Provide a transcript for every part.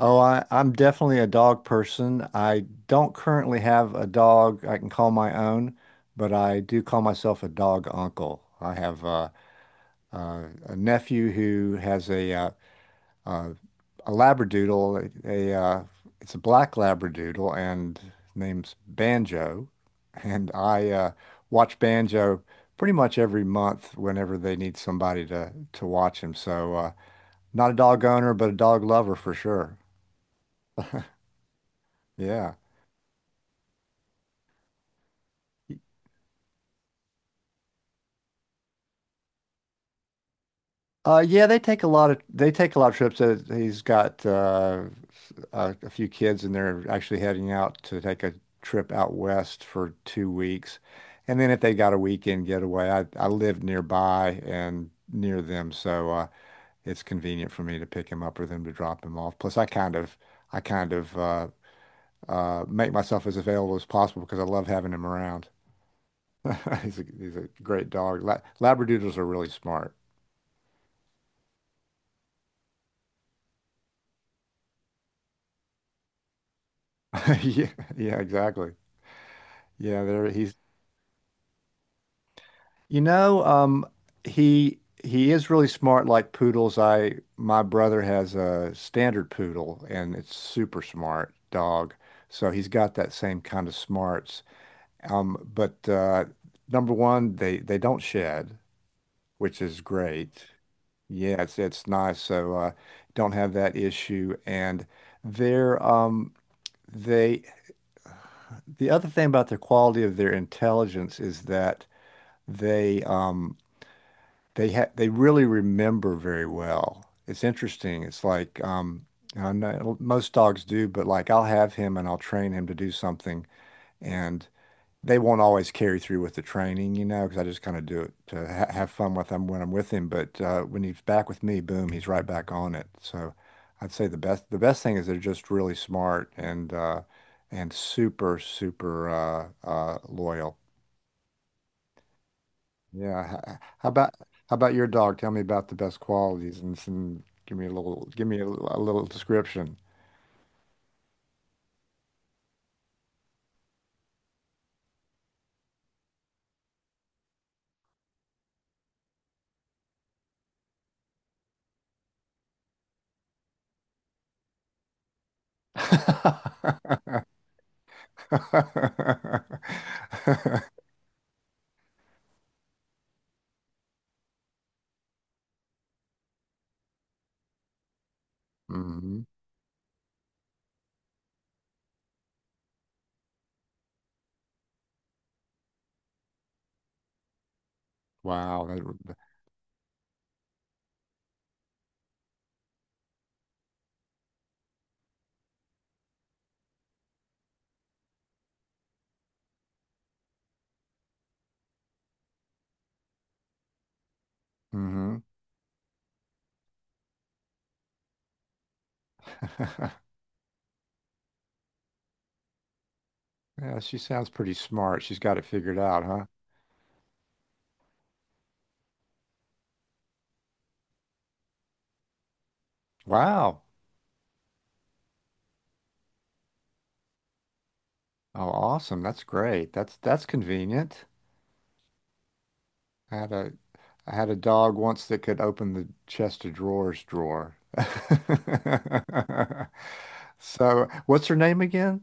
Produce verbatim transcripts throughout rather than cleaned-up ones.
Oh, I, I'm definitely a dog person. I don't currently have a dog I can call my own, but I do call myself a dog uncle. I have uh, uh, a nephew who has a uh, uh, a Labradoodle, a, a uh, it's a black Labradoodle and name's Banjo, and I uh, watch Banjo pretty much every month whenever they need somebody to to watch him. So uh, not a dog owner, but a dog lover for sure. Yeah. Uh, yeah, they take a lot of they take a lot of trips. Uh, He's got uh, a, a few kids, and they're actually heading out to take a trip out west for two weeks. And then if they got a weekend getaway, I I live nearby and near them, so uh, it's convenient for me to pick him up or them to drop him off. Plus, I kind of I kind of uh, uh, make myself as available as possible because I love having him around. He's a, he's a great dog. La Labradoodles are really smart. Yeah, yeah, exactly. Yeah, there he's you know, um he he is really smart like poodles. I my brother has a standard poodle and it's super smart dog. So he's got that same kind of smarts. Um but uh number one, they they don't shed, which is great. Yeah, it's it's nice. So uh don't have that issue, and their um they the other thing about the quality of their intelligence is that they um they had they really remember very well. It's interesting. It's like um, I know most dogs do, but like I'll have him and I'll train him to do something, and they won't always carry through with the training, you know, because I just kind of do it to ha have fun with him when I'm with him. But uh, when he's back with me, boom, he's right back on it. So I'd say the best the best thing is they're just really smart and uh, and super super uh, uh, loyal. Yeah. h- h- How about how about your dog? Tell me about the best qualities, and some give me a little give me a, l- a little description. Hmm. Wow. That. Mm-hmm. Yeah, she sounds pretty smart. She's got it figured out, huh? Wow. Oh, awesome. That's great. That's that's convenient. I had a I had a dog once that could open the chest of drawers drawer. So, what's her name again?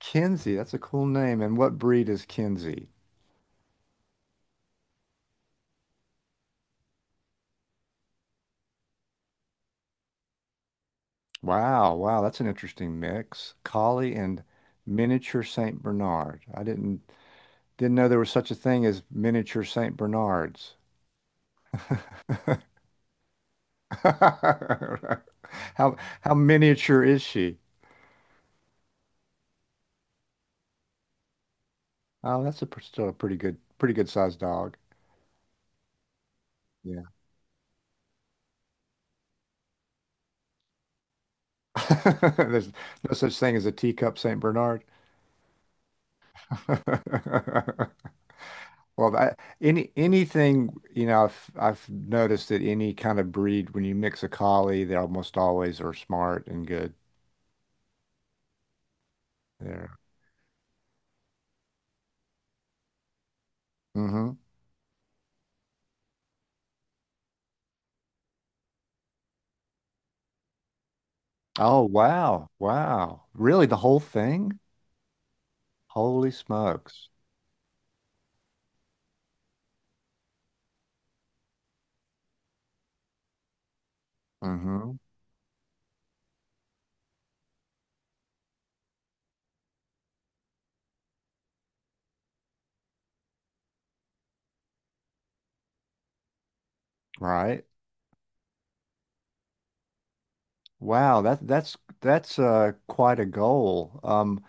Kenzie. That's a cool name. And what breed is Kenzie? Wow, wow, that's an interesting mix. Collie and miniature Saint Bernard. I didn't didn't know there was such a thing as miniature Saint Bernards. How how miniature is she? Oh, that's a pr- still a pretty good pretty good sized dog. Yeah. There's no such thing as a teacup Saint Bernard. Well, that, any anything, you know, I've I've noticed that any kind of breed, when you mix a collie, they almost always are smart and good. There. Mm-hmm. Oh, wow. Wow. Really, the whole thing? Holy smokes. Mm-hmm. Right. Wow, that that's that's uh quite a goal. Um,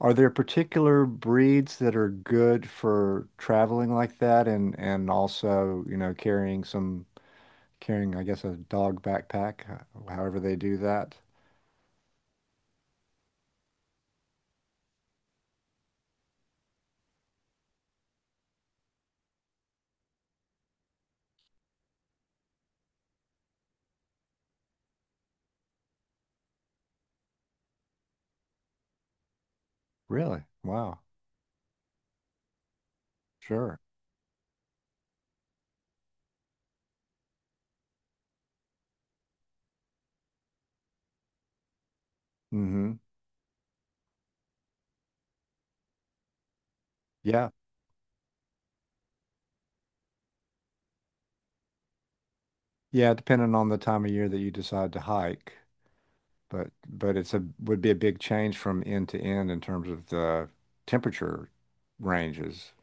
are there particular breeds that are good for traveling like that and and also, you know, carrying some carrying, I guess, a dog backpack, h- however they do that. Really? Wow. Sure. Mm-hmm. Yeah. Yeah, depending on the time of year that you decide to hike, but but it's a would be a big change from end to end in terms of the temperature ranges.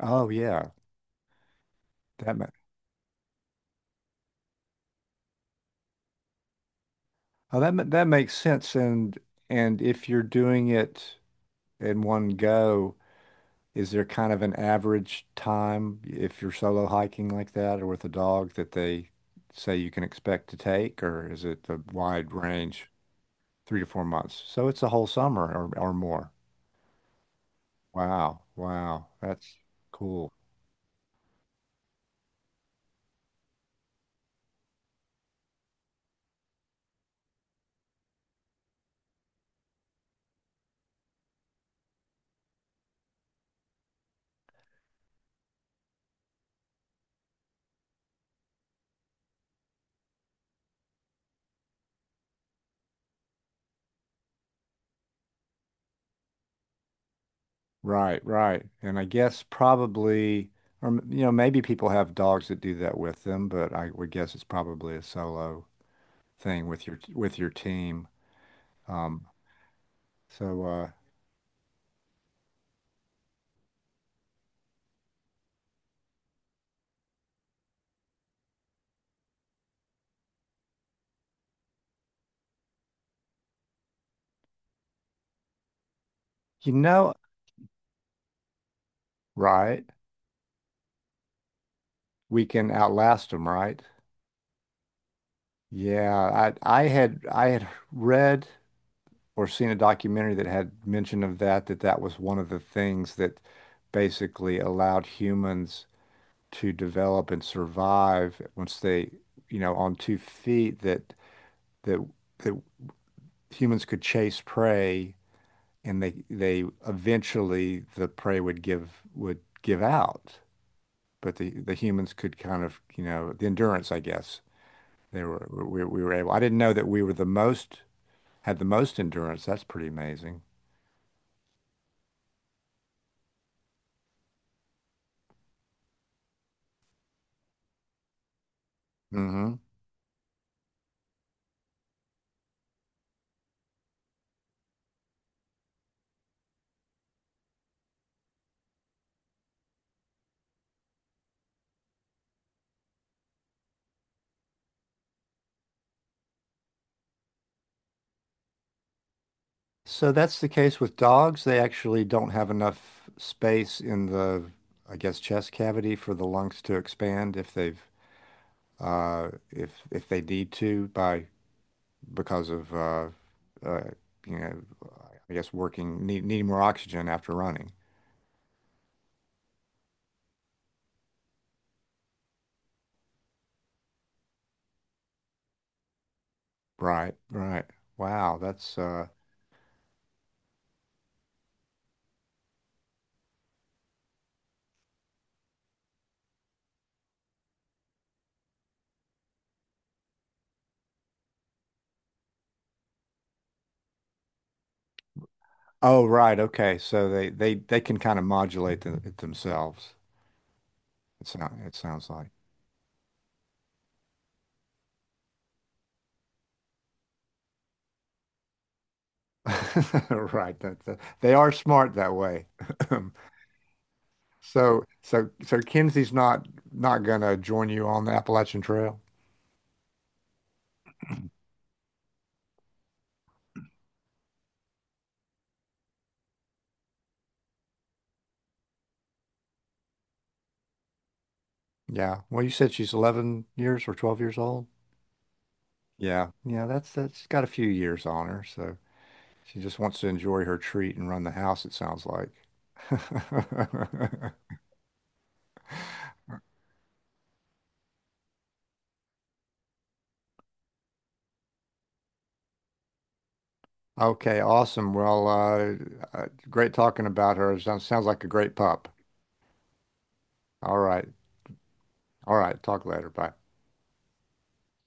Oh yeah, that ma oh that ma that makes sense. And and if you're doing it in one go, Is there kind of an average time if you're solo hiking like that or with a dog that they say you can expect to take, or is it a wide range, three to four months? So it's a whole summer or, or more. Wow. Wow. That's cool. Right, right. And I guess probably, or m- you know, maybe people have dogs that do that with them, but I would guess it's probably a solo thing with your with your team. Um, so uh, you know, right, we can outlast them, right? Yeah, I I had I had read or seen a documentary that had mention of that that that was one of the things that basically allowed humans to develop and survive once they, you know, on two feet that that that humans could chase prey, and they they eventually the prey would give would give out. But the the humans could kind of, you know, the endurance, I guess. They were we, we were able. I didn't know that we were the most had the most endurance. That's pretty amazing. hmm So that's the case with dogs. They actually don't have enough space in the, I guess, chest cavity for the lungs to expand if they've uh, if if they need to by because of uh, uh, you know, I guess working need, needing more oxygen after running. Right, right. Wow, that's uh, oh, right, okay. So they they they can kind of modulate them, it themselves. It sound, it sounds like. Right. That, that- they are smart that way. So so so Kinsey's not not gonna join you on the Appalachian Trail. Yeah. Well, you said she's eleven years or twelve years old. Yeah. Yeah, that's that's got a few years on her, so she just wants to enjoy her treat and run the house, it sounds like. Okay, awesome. Well, uh, uh, great talking about her. Sounds sounds like a great pup. All right. All right. Talk later. Bye.